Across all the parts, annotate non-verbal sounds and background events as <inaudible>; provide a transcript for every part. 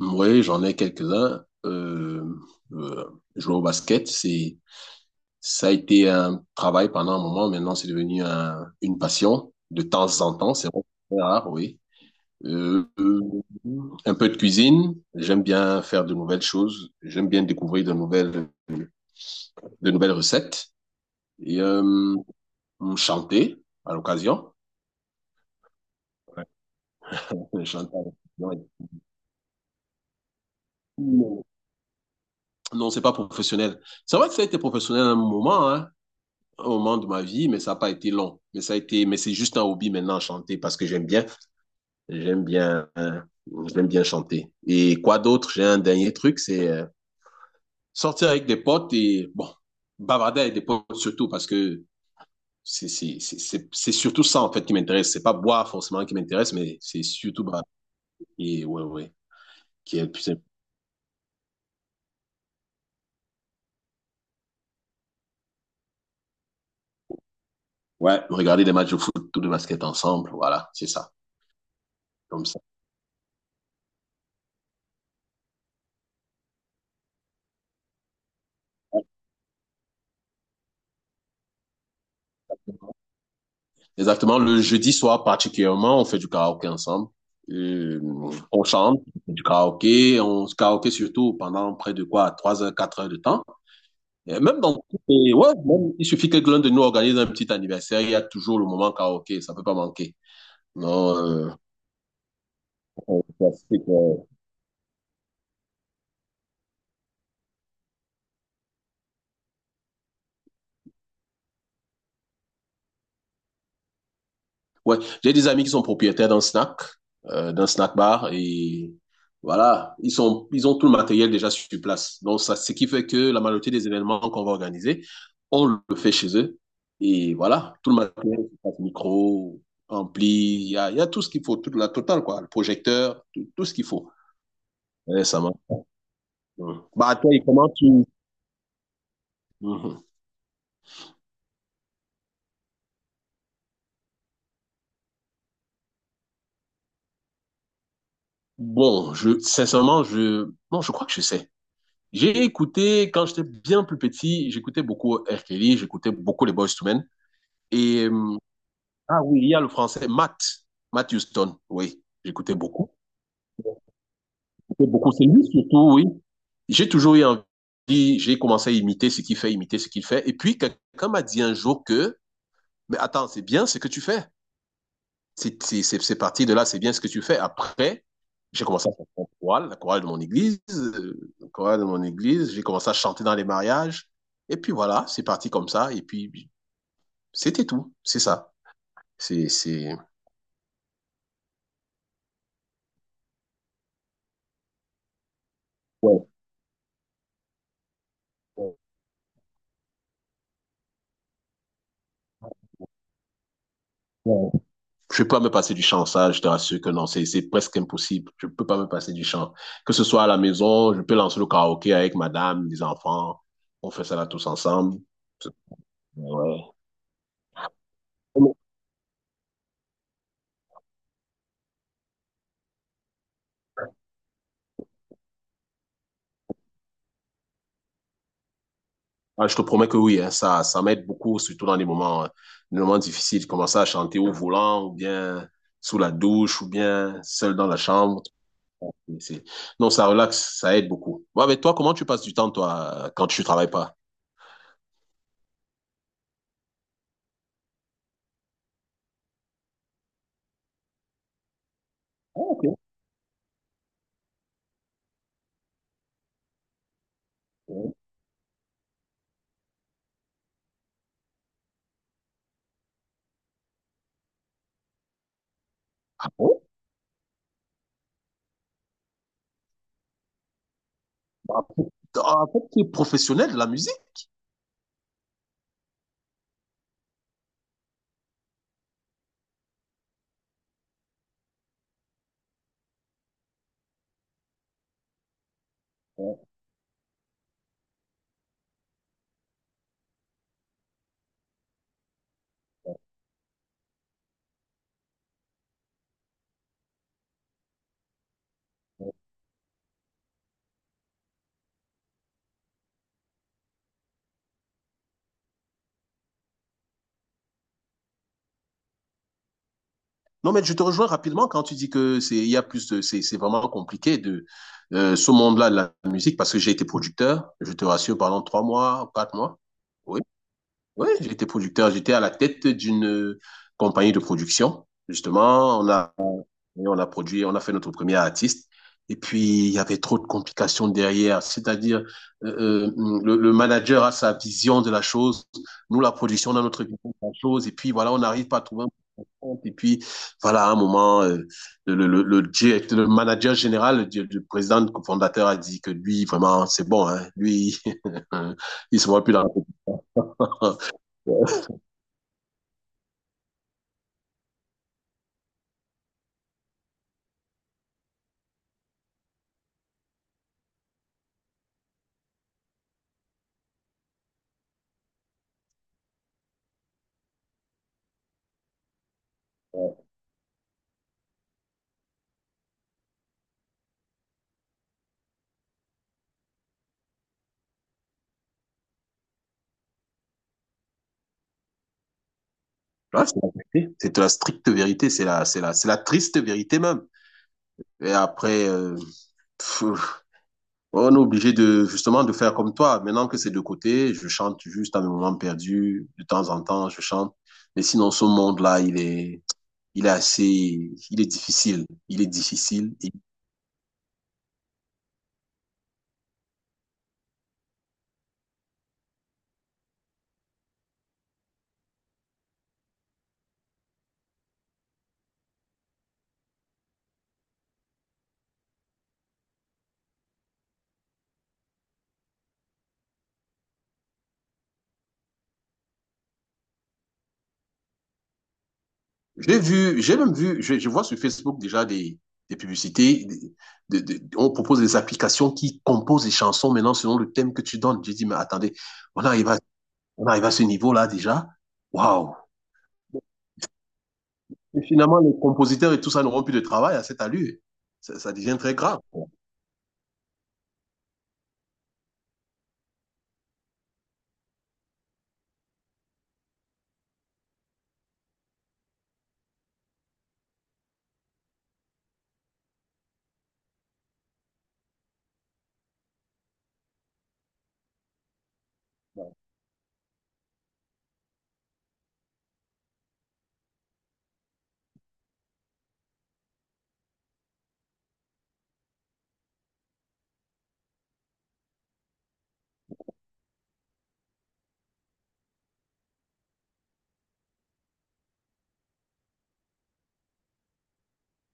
Oui, j'en ai quelques-uns. Euh, jouer au basket, ça a été un travail pendant un moment. Maintenant, c'est devenu une passion de temps en temps. C'est vraiment très rare, oui. Euh, euh, un peu de cuisine. J'aime bien faire de nouvelles choses. J'aime bien découvrir de nouvelles recettes. Et chanter à l'occasion. Ouais. <laughs> Chanter à l'occasion. Non, c'est pas professionnel. C'est vrai que ça a été professionnel à un moment, hein, un moment de ma vie, mais ça n'a pas été long. Mais ça a été, mais c'est juste un hobby maintenant, chanter, parce que j'aime bien, hein, j'aime bien chanter. Et quoi d'autre? J'ai un dernier truc, c'est sortir avec des potes et, bon, bavarder avec des potes surtout, parce que c'est surtout ça, en fait, qui m'intéresse. C'est pas boire forcément qui m'intéresse, mais c'est surtout bavarder. Et ouais, ouais, qui est le plus simple. Ouais, regarder des matchs de foot ou de basket ensemble, voilà, c'est ça, comme ça. Exactement, le jeudi soir particulièrement, on fait du karaoké ensemble. Euh, on chante, on fait du karaoké, on se karaoké surtout pendant près de quoi, 3 heures, 4 heures de temps. Et même dans, et ouais, même, il suffit que l'un de nous organise un petit anniversaire, il y a toujours le moment karaoké, ça peut pas manquer. Non, on- Ouais, j'ai des amis qui sont propriétaires d'un snack bar et voilà, ils sont, ils ont tout le matériel déjà sur place. Donc ça, ce qui fait que la majorité des événements qu'on va organiser, on le fait chez eux et voilà, tout le matériel, micro, ampli, il y a tout ce qu'il faut, toute la totale quoi, le projecteur, tout, tout ce qu'il faut. Ouais, ça marche. Ouais. Bah toi, et comment tu. Mhm. Bon, je sincèrement, je non, je crois que je sais. J'ai écouté, quand j'étais bien plus petit, j'écoutais beaucoup R. Kelly, j'écoutais beaucoup les Boyz II Men. Et, ah oui, il y a le français, Matt Houston, oui, j'écoutais beaucoup. J'écoutais beaucoup, c'est lui surtout, oui. J'ai toujours eu envie, j'ai commencé à imiter ce qu'il fait, imiter ce qu'il fait. Et puis, quelqu'un m'a dit un jour que, mais attends, c'est bien ce que tu fais. C'est parti de là, c'est bien ce que tu fais. Après, j'ai commencé à faire mon chorale, la chorale de mon église, la chorale de mon église. J'ai commencé à chanter dans les mariages. Et puis voilà, c'est parti comme ça. Et puis, c'était tout. C'est ça. C'est, c'est. Ouais. Ouais. Ouais. Je peux pas me passer du chant, ça, je te rassure que non, c'est presque impossible. Je peux pas me passer du chant. Que ce soit à la maison, je peux lancer le karaoké avec madame, les enfants. On fait ça là tous ensemble. Ouais. Ah, je te promets que oui, hein, ça m'aide beaucoup, surtout dans des moments difficiles. Commencer à chanter au volant, ou bien sous la douche, ou bien seul dans la chambre. C'est- non, ça relaxe, ça aide beaucoup. Ouais, mais toi, comment tu passes du temps, toi, quand tu travailles pas? Ah, ok. Ouais. Ah bon? Ah, en fait, tu es professionnel de la musique? Ouais. Non, mais je te rejoins rapidement quand tu dis que c'est, il y a plus de, c'est vraiment compliqué de, ce monde-là de la musique parce que j'ai été producteur, je te rassure, pendant 3 mois, 4 mois. Oui, j'étais producteur. J'étais à la tête d'une compagnie de production. Justement, on a produit, on a fait notre premier artiste. Et puis, il y avait trop de complications derrière. C'est-à-dire, euh, euh, manager a sa vision de la chose. Nous, la production, on a notre vision de la chose. Et puis, voilà, on n'arrive pas à trouver un point de compte. Et puis, voilà, à un moment, direct, le, manager général, le président, le fondateur a dit que lui, vraiment, c'est bon. Hein, lui, <laughs> il se voit plus dans la <laughs> Là, c'est la vérité. C'est la stricte vérité. C'est la triste vérité même. Et après, pff, on est obligé de, justement, de faire comme toi. Maintenant que c'est de côté, je chante juste à mes moments perdus. De temps en temps, je chante. Mais sinon, ce monde-là, il est assez, il est difficile. Il est difficile. Et j'ai vu, j'ai même vu, je vois sur Facebook déjà des publicités. On propose des applications qui composent des chansons maintenant selon le thème que tu donnes. J'ai dit, mais attendez, on arrive à on arrive à ce niveau-là déjà. Waouh! Et finalement, les compositeurs et tout ça n'auront plus de travail à cette allure. Ça devient très grave.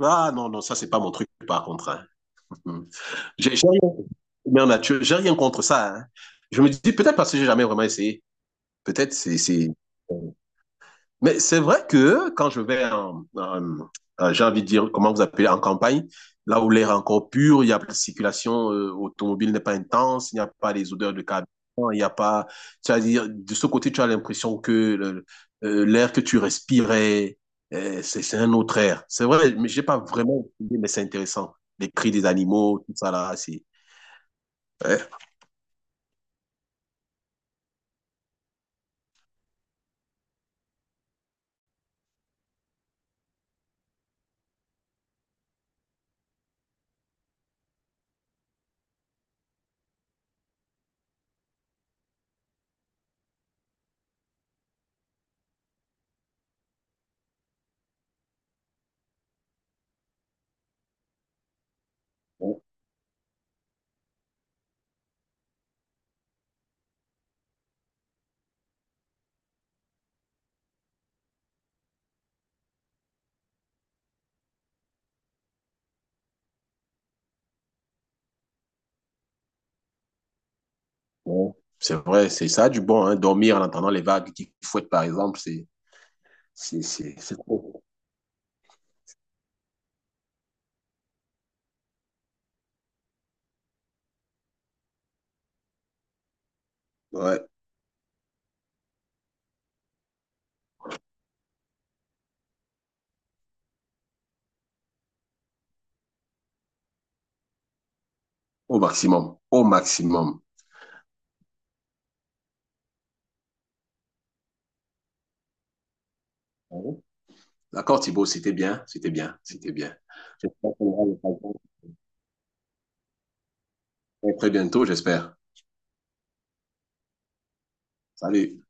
Ah non, non, ça, c'est pas mon truc, par contre, hein. <laughs> J'ai rien, mais en nature, j'ai rien contre ça, hein. Je me dis, peut-être parce que j'ai jamais vraiment essayé. Peut-être mais c'est vrai que quand je vais j'ai envie de dire, comment vous appelez, en campagne, là où l'air est encore pur, il y a la circulation automobile n'est pas intense, il n'y a pas les odeurs de carburant, il n'y a pas, c'est à dire, de ce côté, tu as l'impression que l'air que tu respirais, c'est un autre air. C'est vrai, mais j'ai pas vraiment étudié, mais c'est intéressant. Les cris des animaux, tout ça là, c'est, ouais, bon, bon, c'est vrai, c'est ça a du bon, hein, dormir en entendant les vagues qui fouettent, par exemple, c'est trop. Ouais, au maximum, au maximum. Oui. D'accord, Thibaut, c'était bien, c'était bien, c'était bien. J'espère qu'on aura l'occasion très très bientôt, j'espère. Salut.